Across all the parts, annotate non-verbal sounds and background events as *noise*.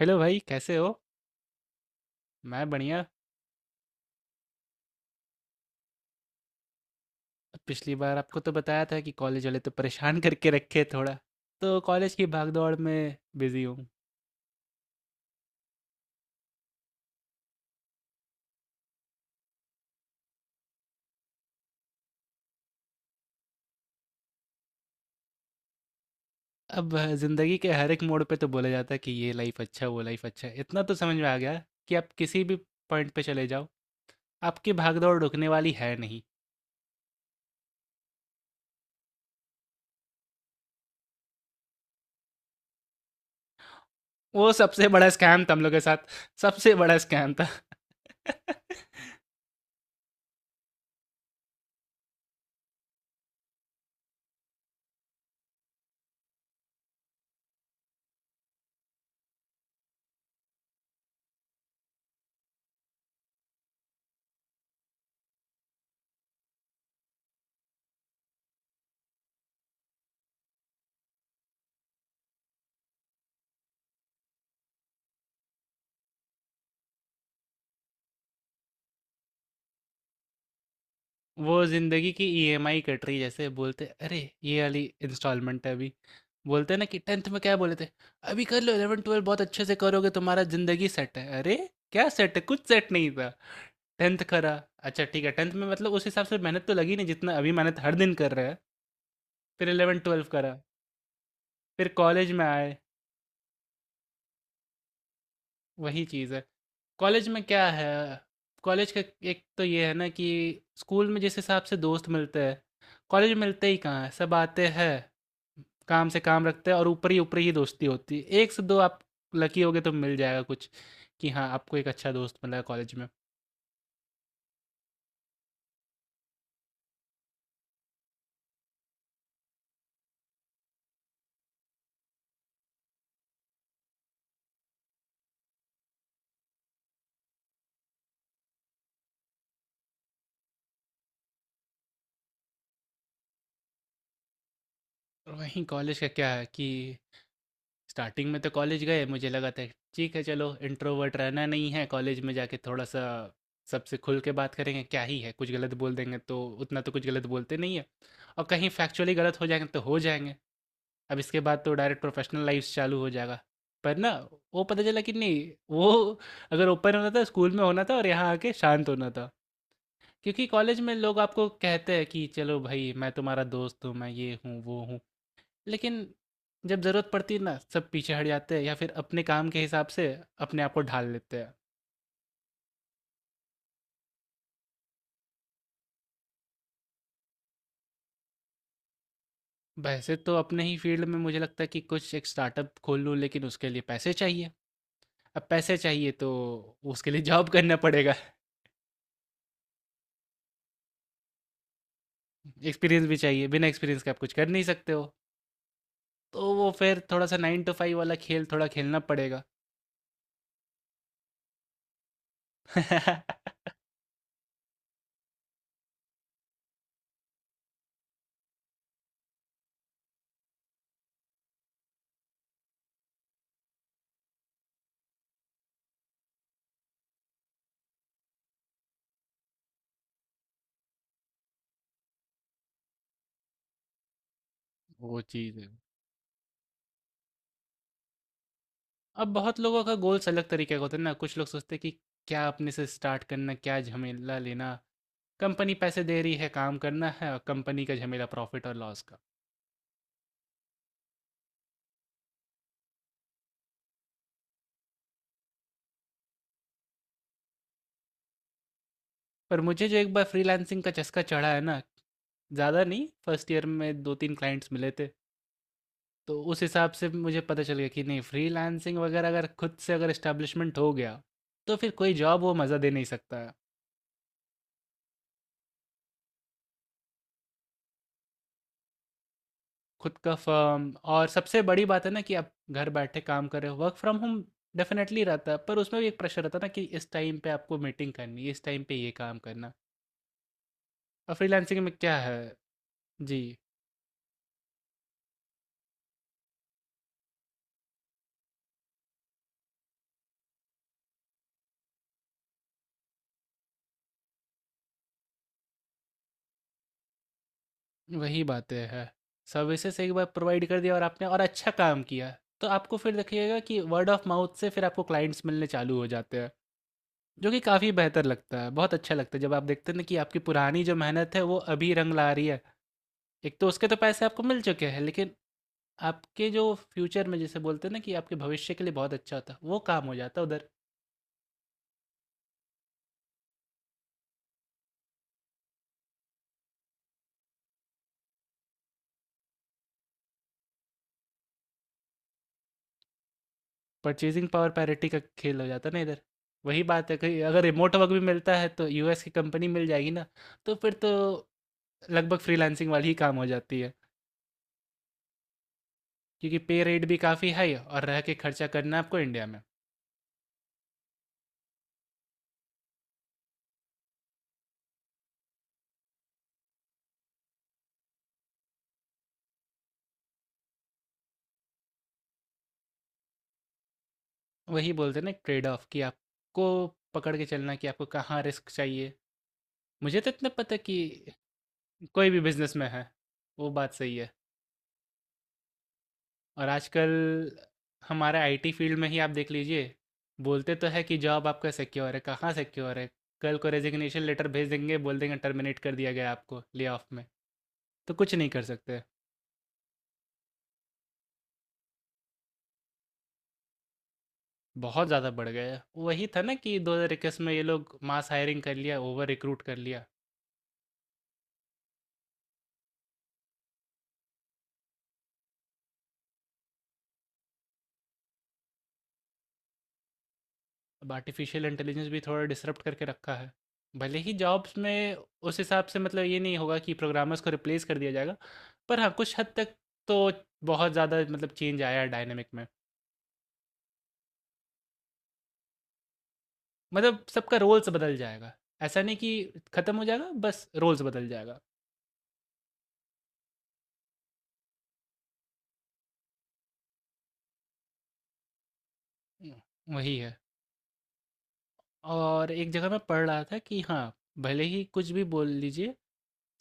Hello भाई कैसे हो। मैं बढ़िया। पिछली बार आपको तो बताया था कि कॉलेज वाले तो परेशान करके रखे थोड़ा, तो कॉलेज की भागदौड़ में बिजी हूँ। अब ज़िंदगी के हर एक मोड़ पे तो बोला जाता है कि ये लाइफ अच्छा वो लाइफ अच्छा। इतना तो समझ में आ गया कि आप किसी भी पॉइंट पे चले जाओ, आपकी भागदौड़ रुकने वाली है नहीं। वो सबसे बड़ा स्कैम था हम लोग के साथ। सबसे बड़ा स्कैम था। *laughs* वो ज़िंदगी की ईएमआई कट रही है, जैसे बोलते अरे ये वाली इंस्टॉलमेंट है अभी। बोलते हैं ना कि 10th में क्या बोले थे, अभी कर लो 11 12 बहुत अच्छे से करोगे, तुम्हारा ज़िंदगी सेट है। अरे क्या सेट है, कुछ सेट नहीं था। 10th करा, अच्छा ठीक है, 10th में मतलब उस हिसाब से मेहनत तो लगी नहीं जितना अभी मेहनत हर दिन कर रहा है। फिर 11 12 करा, फिर कॉलेज में आए। वही चीज़ है। कॉलेज में क्या है, कॉलेज का एक तो ये है ना कि स्कूल में जिस हिसाब से दोस्त मिलते हैं, कॉलेज में मिलते ही कहाँ हैं, सब आते हैं, काम से काम रखते हैं और ऊपरी ऊपरी ही दोस्ती होती है। 1 से 2 आप लकी होगे तो मिल जाएगा कुछ कि हाँ, आपको एक अच्छा दोस्त मिला है कॉलेज में। और वहीं कॉलेज का क्या है कि स्टार्टिंग में तो कॉलेज गए मुझे लगा था ठीक है चलो, इंट्रोवर्ट रहना नहीं है, कॉलेज में जाके थोड़ा सा सबसे खुल के बात करेंगे, क्या ही है, कुछ गलत बोल देंगे तो उतना तो कुछ गलत बोलते नहीं है, और कहीं फैक्चुअली गलत हो जाएंगे तो हो जाएंगे। अब इसके बाद तो डायरेक्ट प्रोफेशनल लाइफ चालू हो जाएगा, पर ना वो पता चला कि नहीं, वो अगर ओपन होना था स्कूल में होना था और यहाँ आके शांत होना था। क्योंकि कॉलेज में लोग आपको कहते हैं कि चलो भाई मैं तुम्हारा दोस्त हूँ, मैं ये हूँ वो हूँ, लेकिन जब ज़रूरत पड़ती है ना, सब पीछे हट जाते हैं या फिर अपने काम के हिसाब से अपने आप को ढाल लेते हैं। वैसे तो अपने ही फील्ड में मुझे लगता है कि कुछ एक स्टार्टअप खोल लूँ, लेकिन उसके लिए पैसे चाहिए। अब पैसे चाहिए तो उसके लिए जॉब करना पड़ेगा। एक्सपीरियंस भी चाहिए, बिना एक्सपीरियंस के आप कुछ कर नहीं सकते हो। तो वो फिर थोड़ा-सा 9 टू 5 वाला खेल थोड़ा खेलना पड़ेगा। *laughs* वो चीज़ है। अब बहुत लोगों का गोल्स अलग तरीके का होता है ना, कुछ लोग सोचते हैं कि क्या अपने से स्टार्ट करना, क्या झमेला लेना, कंपनी पैसे दे रही है, काम करना है और कंपनी का झमेला प्रॉफ़िट और लॉस का। पर मुझे जो एक बार फ्रीलांसिंग का चस्का चढ़ा है ना, ज़्यादा नहीं, फर्स्ट ईयर में 2-3 क्लाइंट्स मिले थे, तो उस हिसाब से मुझे पता चल गया कि नहीं, फ्रीलांसिंग वगैरह अगर खुद से अगर एस्टैब्लिशमेंट हो गया, तो फिर कोई जॉब वो मज़ा दे नहीं सकता है। खुद का फर्म, और सबसे बड़ी बात है ना कि आप घर बैठे काम कर रहे हो। वर्क फ्रॉम होम डेफिनेटली रहता है, पर उसमें भी एक प्रेशर रहता है ना कि इस टाइम पे आपको मीटिंग करनी है, इस टाइम पे ये काम करना। और फ्रीलांसिंग में क्या है। जी। वही बातें है, सर्विसेज एक बार प्रोवाइड कर दिया और आपने और अच्छा काम किया, तो आपको फिर देखिएगा कि वर्ड ऑफ माउथ से फिर आपको क्लाइंट्स मिलने चालू हो जाते हैं, जो कि काफ़ी बेहतर लगता है। बहुत अच्छा लगता है जब आप देखते हैं ना कि आपकी पुरानी जो मेहनत है वो अभी रंग ला रही है। एक तो उसके तो पैसे आपको मिल चुके हैं, लेकिन आपके जो फ्यूचर में जैसे बोलते हैं ना कि आपके भविष्य के लिए बहुत अच्छा होता, वो काम हो जाता उधर। परचेज़िंग पावर पैरिटी का खेल हो जाता ना इधर। वही बात है, कहीं अगर रिमोट वर्क भी मिलता है तो यूएस की कंपनी मिल जाएगी ना, तो फिर तो लगभग फ्रीलांसिंग वाली ही काम हो जाती है। क्योंकि पे रेट भी काफ़ी हाई, और रह के खर्चा करना है आपको इंडिया में। वही बोलते हैं ना, ट्रेड ऑफ कि आपको पकड़ के चलना है कि आपको कहाँ रिस्क चाहिए। मुझे तो इतना पता है कि कोई भी बिज़नेस में है, वो बात सही है। और आजकल हमारा आईटी फील्ड में ही आप देख लीजिए, बोलते तो है कि जॉब आपका सिक्योर है, कहाँ सिक्योर है? कल को रेज़िग्नेशन लेटर भेज देंगे, बोल देंगे टर्मिनेट कर दिया गया आपको, ले ऑफ में। तो कुछ नहीं कर सकते, बहुत ज़्यादा बढ़ गया है। वही था ना कि 2021 में ये लोग मास हायरिंग कर लिया, ओवर रिक्रूट कर लिया। अब आर्टिफिशियल इंटेलिजेंस भी थोड़ा डिसरप्ट करके रखा है। भले ही जॉब्स में उस हिसाब से मतलब ये नहीं होगा कि प्रोग्रामर्स को रिप्लेस कर दिया जाएगा, पर हाँ, कुछ हद तक तो बहुत ज़्यादा मतलब चेंज आया है डायनामिक में। मतलब सबका रोल्स बदल जाएगा। ऐसा नहीं कि खत्म हो जाएगा, बस रोल्स बदल जाएगा। हुँ, वही है। और एक जगह मैं पढ़ रहा था कि हाँ, भले ही कुछ भी बोल लीजिए,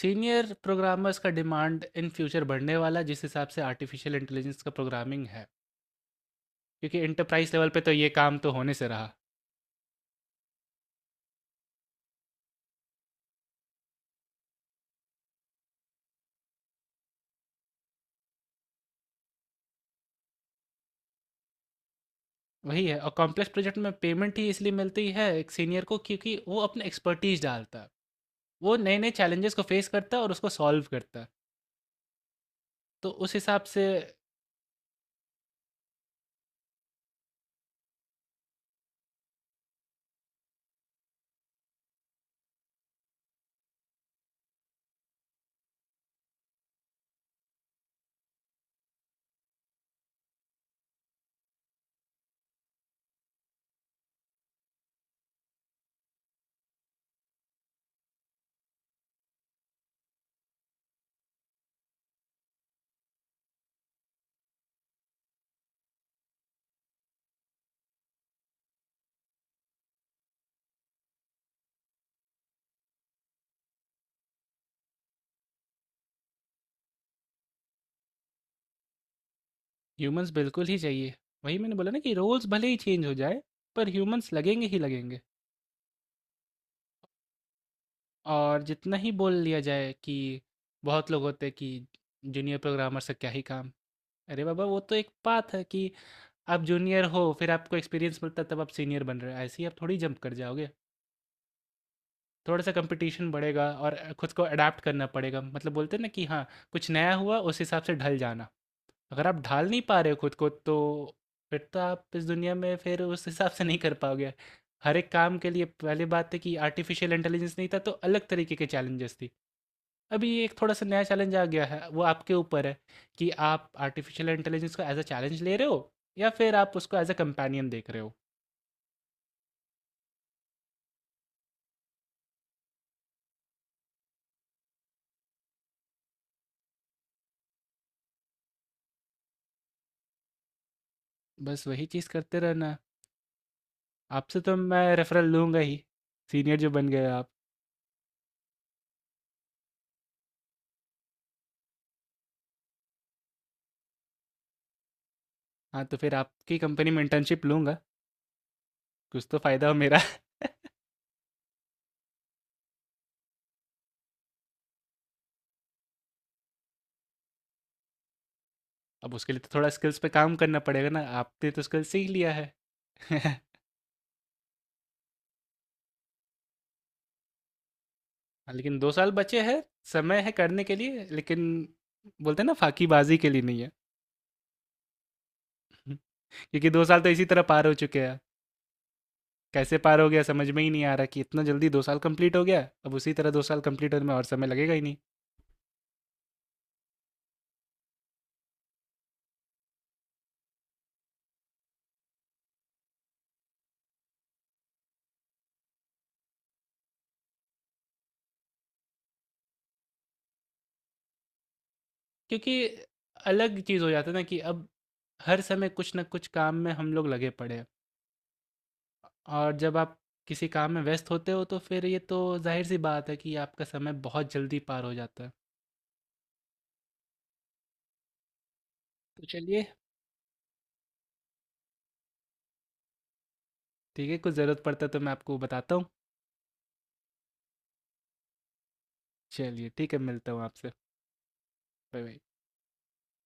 सीनियर प्रोग्रामर्स का डिमांड इन फ्यूचर बढ़ने वाला जिस हिसाब से आर्टिफिशियल इंटेलिजेंस का प्रोग्रामिंग है। क्योंकि एंटरप्राइज लेवल पे तो ये काम तो होने से रहा। वही है, और कॉम्प्लेक्स प्रोजेक्ट में पेमेंट ही इसलिए मिलती है एक सीनियर को, क्योंकि वो अपने एक्सपर्टीज डालता है, वो नए नए चैलेंजेस को फेस करता है और उसको सॉल्व करता है। तो उस हिसाब से ह्यूमंस बिल्कुल ही चाहिए। वही मैंने बोला ना कि रोल्स भले ही चेंज हो जाए, पर ह्यूमंस लगेंगे ही लगेंगे। और जितना ही बोल लिया जाए कि बहुत लोग होते हैं कि जूनियर प्रोग्रामर से क्या ही काम, अरे बाबा वो तो एक बात है कि आप जूनियर हो, फिर आपको एक्सपीरियंस मिलता है, तब आप सीनियर बन रहे हो, ऐसे ही आप थोड़ी जंप कर जाओगे। थोड़ा सा कंपटीशन बढ़ेगा और खुद को अडाप्ट करना पड़ेगा, मतलब बोलते हैं ना कि हाँ कुछ नया हुआ उस हिसाब से ढल जाना। अगर आप ढाल नहीं पा रहे हो खुद को तो फिर तो आप इस दुनिया में फिर उस हिसाब से नहीं कर पाओगे। हर एक काम के लिए, पहले बात है कि आर्टिफिशियल इंटेलिजेंस नहीं था तो अलग तरीके के चैलेंजेस थी, अभी ये एक थोड़ा सा नया चैलेंज आ गया है। वो आपके ऊपर है कि आप आर्टिफिशियल इंटेलिजेंस को एज अ चैलेंज ले रहे हो या फिर आप उसको एज अ कंपेनियन देख रहे हो। बस वही चीज़ करते रहना। आपसे तो मैं रेफ़रल लूँगा ही, सीनियर जो बन गए आप। हाँ, तो फिर आपकी कंपनी में इंटर्नशिप लूँगा, कुछ तो फ़ायदा हो मेरा। *laughs* अब उसके लिए तो थोड़ा स्किल्स पे काम करना पड़ेगा ना, आपने तो स्किल्स सीख लिया है। *laughs* हाँ, लेकिन 2 साल बचे हैं, समय है करने के लिए, लेकिन बोलते हैं ना फाकीबाज़ी के लिए नहीं है। *laughs* क्योंकि 2 साल तो इसी तरह पार हो चुके हैं। कैसे पार हो गया समझ में ही नहीं आ रहा कि इतना जल्दी 2 साल कंप्लीट हो गया, अब उसी तरह 2 साल कंप्लीट होने में और समय लगेगा ही नहीं। क्योंकि अलग चीज़ हो जाता है ना कि अब हर समय कुछ ना कुछ काम में हम लोग लगे पड़े हैं, और जब आप किसी काम में व्यस्त होते हो तो फिर ये तो जाहिर सी बात है कि आपका समय बहुत जल्दी पार हो जाता है। तो चलिए, ठीक है, कुछ ज़रूरत पड़ता है तो मैं आपको बताता हूँ। चलिए ठीक है, मिलता हूँ आपसे। Bye bye.